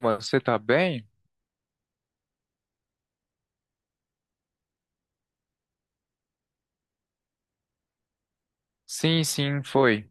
Você tá bem? Sim, sim, foi.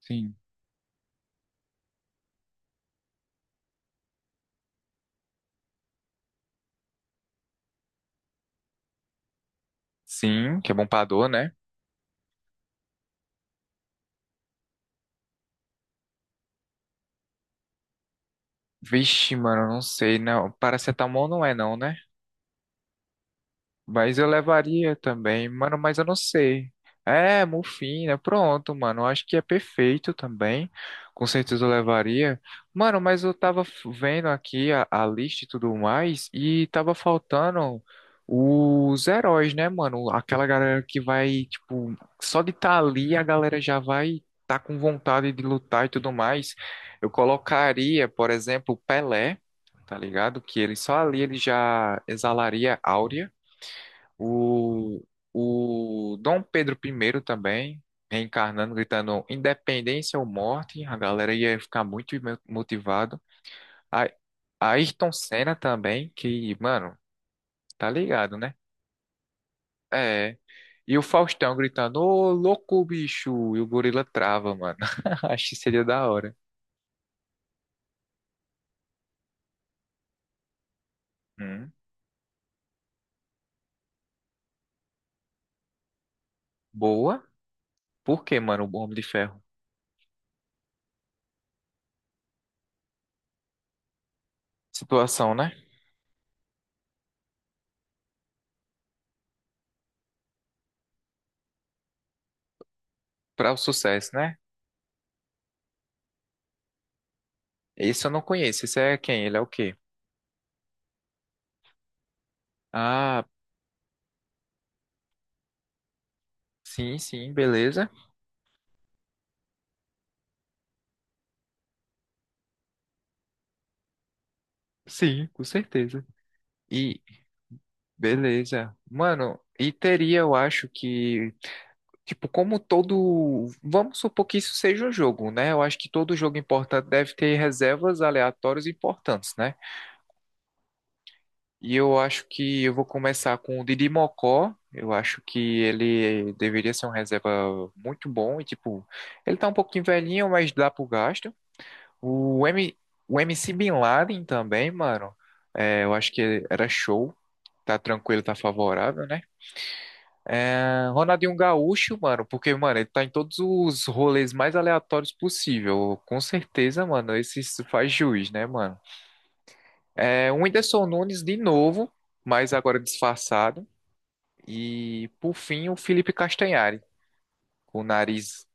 Sim. Sim, que é bom pra dor, né? Vixe, mano, não sei, não. Paracetamol não é não, né? Mas eu levaria também, mano, mas eu não sei. É, mufina, pronto, mano. Eu Acho que é perfeito também. Com certeza eu levaria. Mano, mas eu tava vendo aqui a lista e tudo mais, e tava faltando os heróis, né, mano? Aquela galera que vai, tipo, só de estar ali a galera já vai tá com vontade de lutar e tudo mais. Eu colocaria, por exemplo, o Pelé, tá ligado? Que ele só ali ele já exalaria áurea. O, o Dom Pedro primeiro também, reencarnando, gritando independência ou morte, a galera ia ficar muito motivado. A, Ayrton Senna também, que, mano, tá ligado, né? É. E o Faustão gritando, ô louco bicho, e o gorila trava, mano. Acho que seria da hora. Hum, boa. Por que, mano, o Homem de Ferro? Situação, né? Para o sucesso, né? Esse eu não conheço. Esse é quem? Ele é o quê? Ah, sim, sim, beleza. Sim, com certeza. E beleza. Mano, e teria, eu acho que, tipo, como todo. Vamos supor que isso seja um jogo, né? Eu acho que todo jogo importante deve ter reservas aleatórias importantes, né? E eu acho que eu vou começar com o Didi Mocó. Eu acho que ele deveria ser um reserva muito bom. E, tipo, ele tá um pouquinho velhinho, mas dá pro gasto. O, M... o MC Bin Laden também, mano. É, eu acho que era show. Tá tranquilo, tá favorável, né? É, Ronaldinho Gaúcho, mano, porque, mano, ele tá em todos os rolês mais aleatórios possível. Com certeza, mano, esse faz juiz, né, mano? É, o Whindersson Nunes de novo, mas agora disfarçado. E, por fim, o Felipe Castanhari, com o nariz.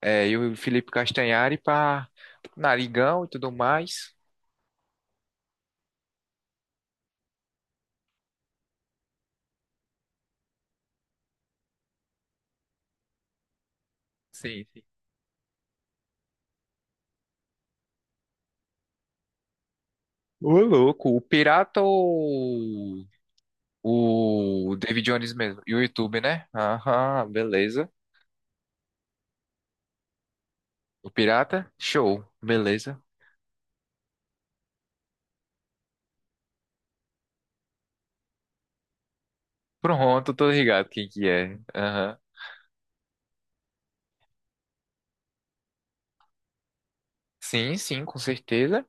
É, e o Felipe Castanhari pra narigão e tudo mais. Sim, sim. Ô, louco, o pirata ou o David Jones mesmo? E o YouTube, né? Aham, beleza. O pirata? Show. Beleza. Pronto, tô ligado quem que é. Aham. Sim, sim, com certeza.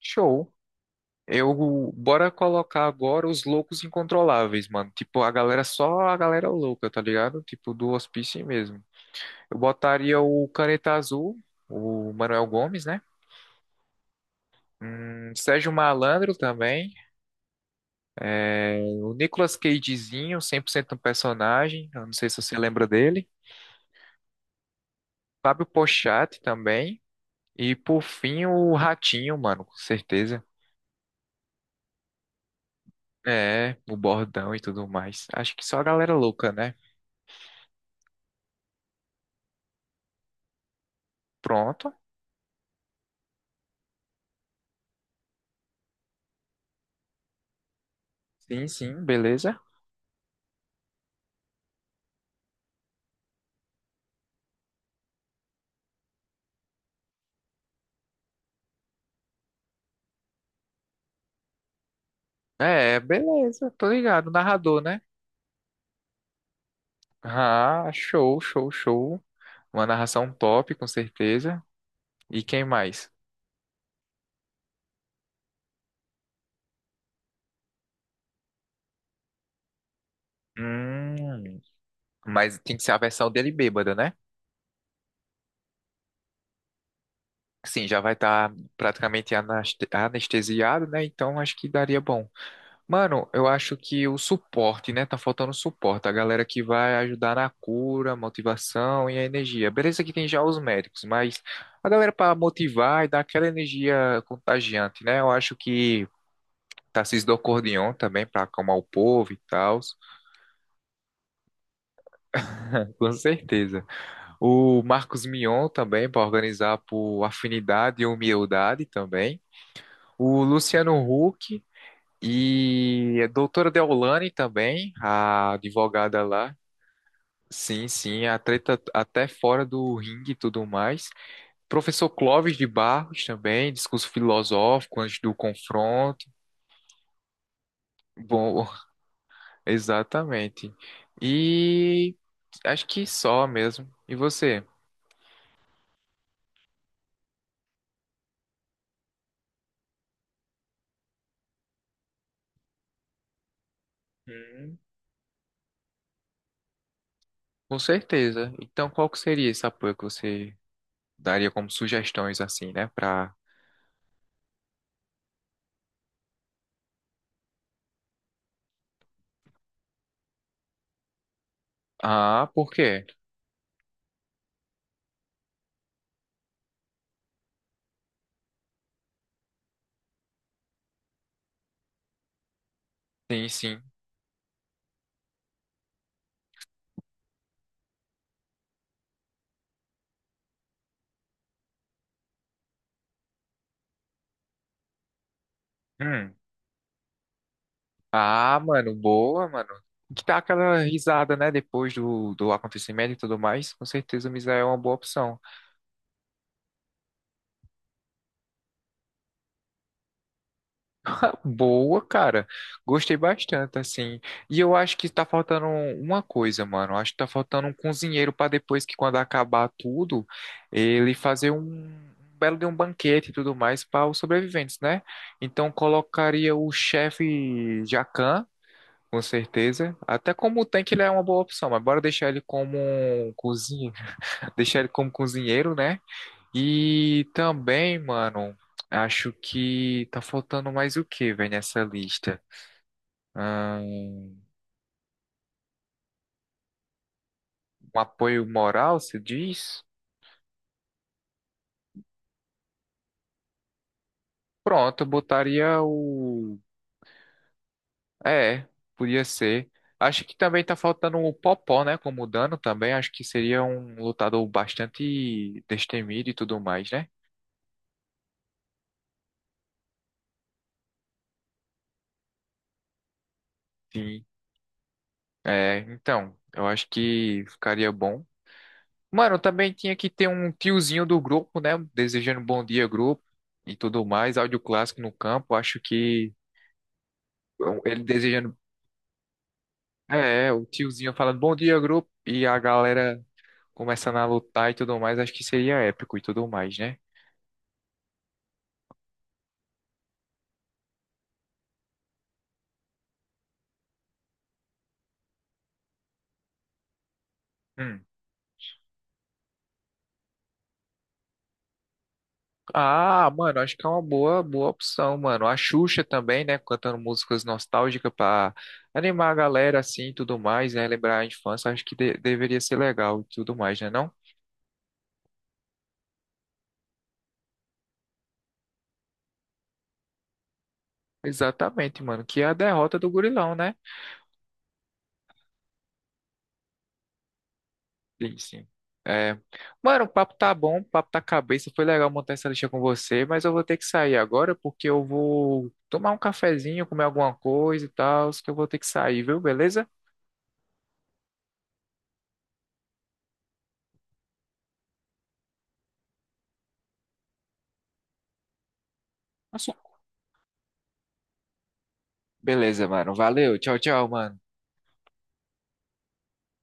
Show. Eu, bora colocar agora os loucos incontroláveis, mano. Tipo, a galera, só a galera louca, tá ligado? Tipo, do hospício mesmo. Eu botaria o Caneta Azul, o Manuel Gomes, né? Sérgio Malandro também. É, o Nicolas Cagezinho, 100% um personagem. Eu não sei se você lembra dele. Fábio Pochatti também. E por fim, o ratinho, mano, com certeza. É, o bordão e tudo mais. Acho que só a galera louca, né? Pronto. Sim, sim, beleza. É, beleza, tô ligado. Narrador, né? Ah, show, show, show. Uma narração top, com certeza. E quem mais? Hum, mas tem que ser a versão dele bêbada, né? Sim, já vai estar praticamente anestesiado, né? Então acho que daria bom. Mano, eu acho que o suporte, né? Tá faltando suporte. A galera que vai ajudar na cura, motivação e a energia. Beleza que tem já os médicos, mas a galera para motivar e dar aquela energia contagiante, né? Eu acho que Tarcísio do Acordeon também para acalmar o povo e tal. Com certeza. O Marcos Mion também para organizar por afinidade e humildade também. O Luciano Huck. E a doutora Deolane também, a advogada lá, sim, sim, a treta até fora do ringue e tudo mais. Professor Clóvis de Barros também, discurso filosófico antes do confronto. Bom, exatamente. E acho que só mesmo. E você? Hum. Com certeza. Então, qual que seria esse apoio que você daria como sugestões assim, né, para... Ah, por quê? Sim, sim. Hum. Ah, mano, boa, mano. Que dá aquela risada, né? Depois do, do acontecimento e tudo mais. Com certeza o Misa é uma boa opção. Boa, cara. Gostei bastante, assim. E eu acho que tá faltando uma coisa, mano. Acho que tá faltando um cozinheiro pra depois que quando acabar tudo, ele fazer um um belo de um banquete e tudo mais para os sobreviventes, né? Então colocaria o chefe Jacan. Com certeza. Até como tanque ele é uma boa opção, mas bora deixar ele como um cozinheiro. Deixar ele como cozinheiro, né? E também, mano, acho que tá faltando mais o que, velho, nessa lista? Um, apoio moral, se diz? Pronto, eu botaria o. É, podia ser. Acho que também tá faltando o Popó, né? Como dano também. Acho que seria um lutador bastante destemido e tudo mais, né? Sim. É, então, eu acho que ficaria bom. Mano, também tinha que ter um tiozinho do grupo, né? Desejando bom dia, grupo e tudo mais. Áudio clássico no campo. Acho que ele desejando. É, é, o tiozinho falando bom dia, grupo. E a galera começando a lutar e tudo mais. Acho que seria épico e tudo mais, né? Hum. Ah, mano, acho que é uma boa, boa opção, mano. A Xuxa também, né, cantando músicas nostálgicas pra animar a galera assim e tudo mais, né, lembrar a infância, acho que deveria ser legal e tudo mais, né, não? Exatamente, mano, que é a derrota do Gurilão, né? Sim, sim. É. Mano, o papo tá bom, o papo tá cabeça, foi legal montar essa lista com você, mas eu vou ter que sair agora porque eu vou tomar um cafezinho, comer alguma coisa e tal, que eu vou ter que sair, viu? Beleza? Tá certo. Beleza, mano. Valeu. Tchau, tchau, mano.